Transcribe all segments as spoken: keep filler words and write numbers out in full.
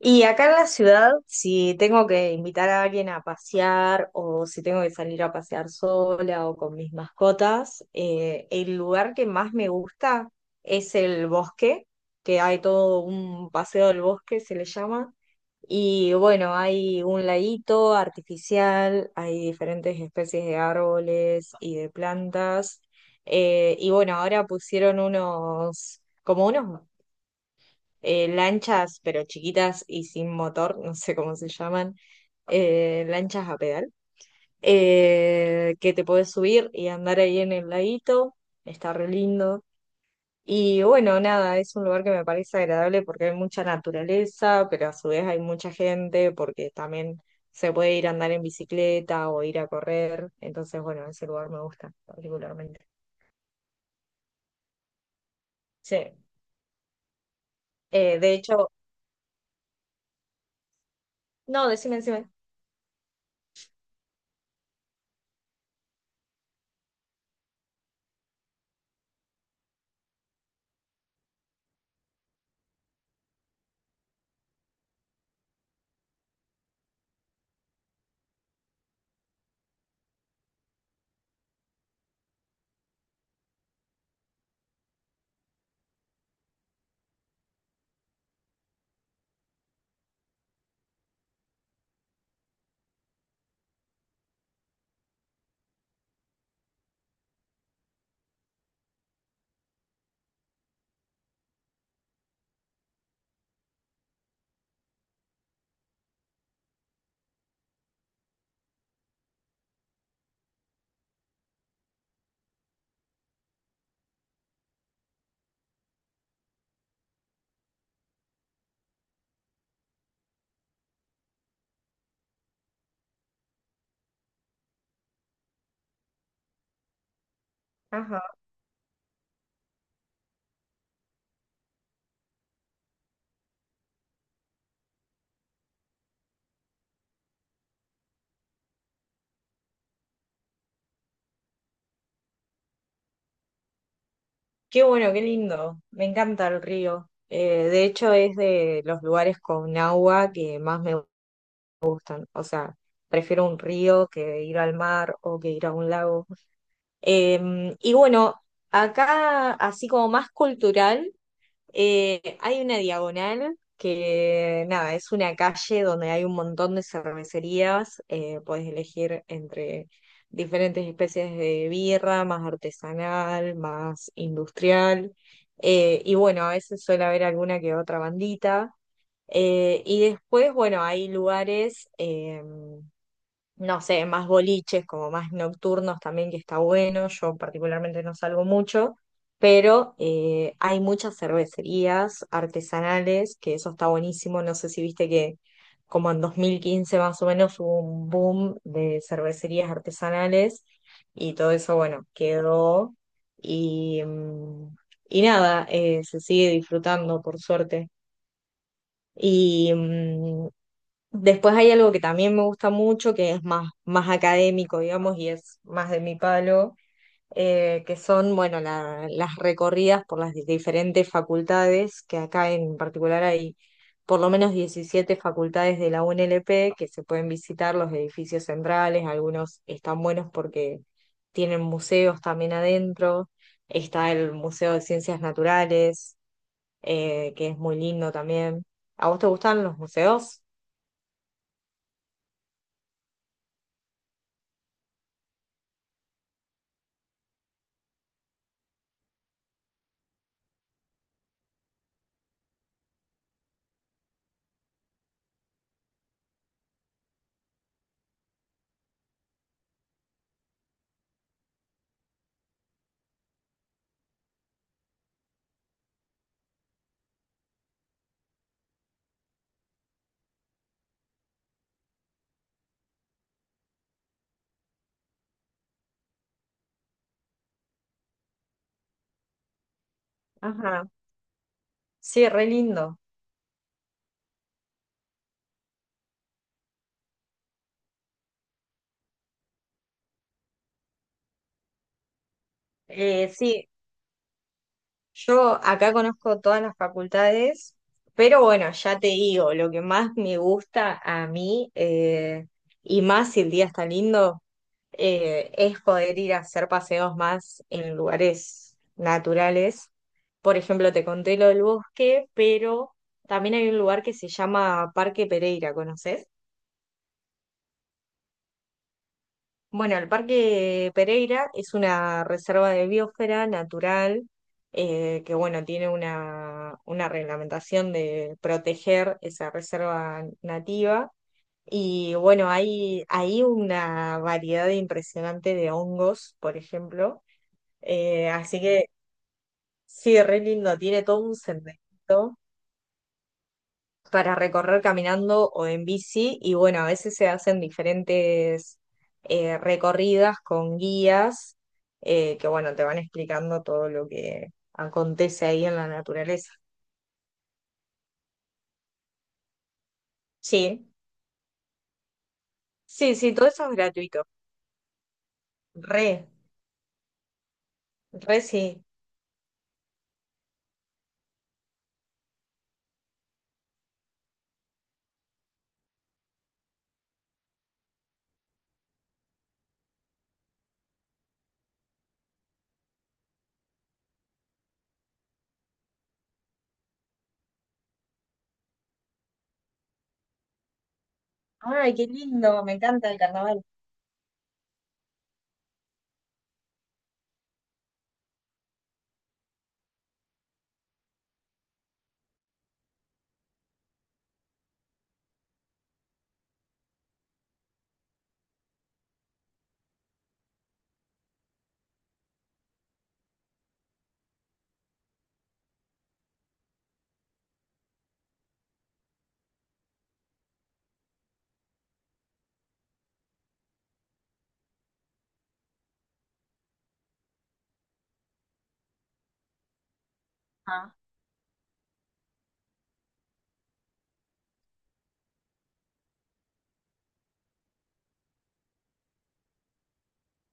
Y acá en la ciudad, si tengo que invitar a alguien a pasear o si tengo que salir a pasear sola o con mis mascotas, eh, el lugar que más me gusta es el bosque, que hay todo un paseo del bosque, se le llama. Y bueno, hay un laguito artificial, hay diferentes especies de árboles y de plantas. Eh, y bueno, ahora pusieron unos, como unos eh, lanchas, pero chiquitas y sin motor, no sé cómo se llaman, eh, lanchas a pedal, eh, que te podés subir y andar ahí en el laguito, está re lindo. Y bueno, nada, es un lugar que me parece agradable porque hay mucha naturaleza, pero a su vez hay mucha gente porque también se puede ir a andar en bicicleta o ir a correr. Entonces, bueno, ese lugar me gusta particularmente. Sí. Eh, de hecho, no, decime, decime. Ajá. Qué bueno, qué lindo. Me encanta el río. Eh, de hecho, es de los lugares con agua que más me... O sea, prefiero un río que ir al mar o que ir a un lago. Eh, y bueno, acá, así como más cultural. Eh, hay una diagonal que, nada, es una calle donde hay un montón de cervecerías. Eh, puedes elegir entre diferentes especies de birra, más artesanal, más industrial. Eh, y bueno, a veces suele haber alguna que otra bandita. Eh, y después, bueno, hay lugares. Eh, no sé, más boliches, como más nocturnos también, que está bueno. Yo particularmente no salgo mucho, pero eh, hay muchas cervecerías artesanales, que eso está buenísimo. No sé si viste que como en dos mil quince más o menos hubo un boom de cervecerías artesanales y todo eso, bueno, quedó y, mm, y nada, eh, se sigue disfrutando por suerte. Y, mm, Después hay algo que también me gusta mucho, que es más, más académico, digamos, y es más de mi palo, eh, que son, bueno, la- las recorridas por las diferentes facultades, que acá en particular hay por lo menos diecisiete facultades de la U N L P que se pueden visitar, los edificios centrales, algunos están buenos porque tienen museos también adentro, está el Museo de Ciencias Naturales, eh, que es muy lindo también. ¿A vos te gustan los museos? Sí, re lindo. Eh, sí, yo acá conozco todas las facultades, pero bueno, ya te digo, lo que más me gusta a mí, eh, y más si el día está lindo, eh, es poder ir a hacer paseos más en lugares naturales. Por ejemplo, te conté lo del bosque, pero también hay un lugar que se llama Parque Pereira, ¿conoces? Bueno, el Parque Pereira es una reserva de biosfera natural eh, que, bueno, tiene una, una reglamentación de proteger esa reserva nativa. Y bueno, hay, hay una variedad impresionante de hongos, por ejemplo. Eh, así que sí, re lindo, tiene todo un sendero para recorrer caminando o en bici y bueno, a veces se hacen diferentes eh, recorridas con guías eh, que bueno, te van explicando todo lo que acontece ahí en la naturaleza. Sí, sí, sí, todo eso es gratuito. Re, re sí. Ay, qué lindo, me encanta el carnaval. Ah.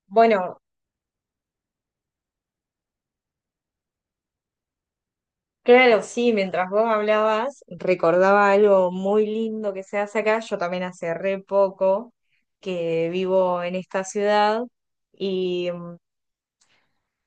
Bueno. Claro, sí, mientras vos hablabas, recordaba algo muy lindo que se hace acá. Yo también hace re poco que vivo en esta ciudad.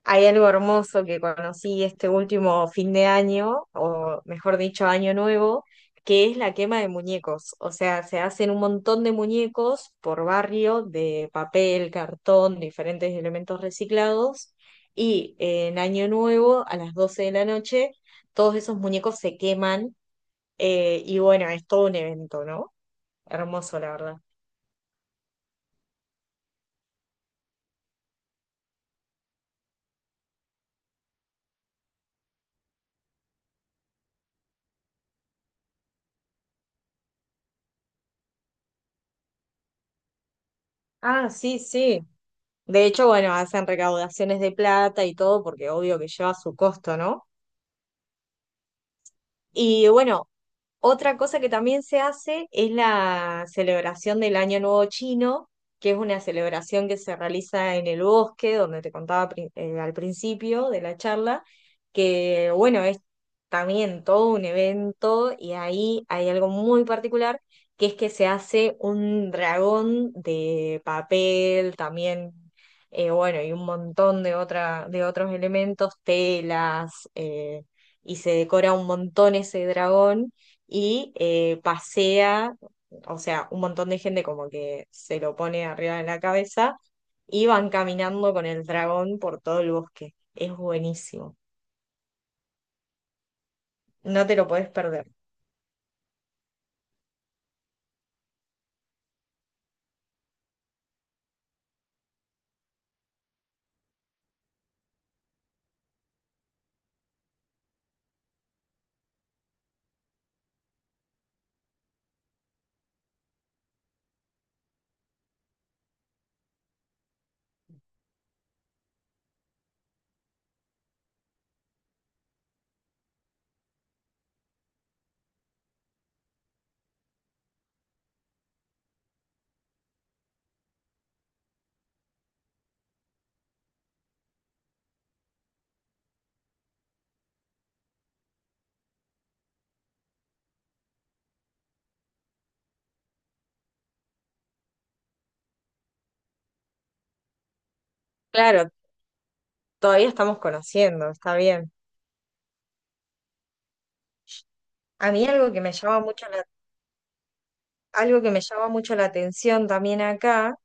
Hay algo hermoso que conocí este último fin de año, o mejor dicho, año nuevo, que es la quema de muñecos. O sea, se hacen un montón de muñecos por barrio, de papel, cartón, diferentes elementos reciclados. Y eh, en año nuevo, a las doce de la noche, todos esos muñecos se queman. Eh, y bueno, es todo un evento, ¿no? Hermoso, la verdad. Ah, sí, sí. De hecho, bueno, hacen recaudaciones de plata y todo, porque obvio que lleva su costo, ¿no? Y bueno, otra cosa que también se hace es la celebración del Año Nuevo Chino, que es una celebración que se realiza en el bosque, donde te contaba pri- eh, al principio de la charla, que bueno, es también todo un evento y ahí hay algo muy particular, que es que se hace un dragón de papel también. Eh, bueno, y un montón de otra, de otros elementos, telas, eh, y se decora un montón ese dragón y eh, pasea, o sea, un montón de gente como que se lo pone arriba de la cabeza y van caminando con el dragón por todo el bosque. Es buenísimo, no te lo podés perder. Claro, todavía estamos conociendo, está bien. A mí algo que me llama mucho la, algo que me llama mucho la atención también acá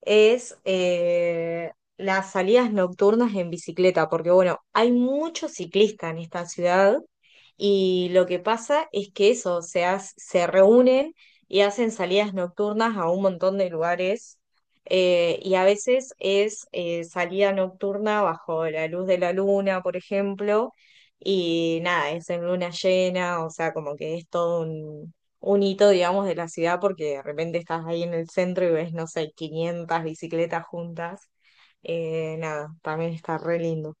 es eh, las salidas nocturnas en bicicleta, porque bueno, hay muchos ciclistas en esta ciudad y lo que pasa es que eso, o sea, s- se reúnen y hacen salidas nocturnas a un montón de lugares eh, y a veces es eh, salida nocturna bajo la luz de la luna, por ejemplo, y nada, es en luna llena, o sea, como que es todo un hito, digamos, de la ciudad porque de repente estás ahí en el centro y ves, no sé, quinientas bicicletas juntas. Eh, nada, también está re lindo.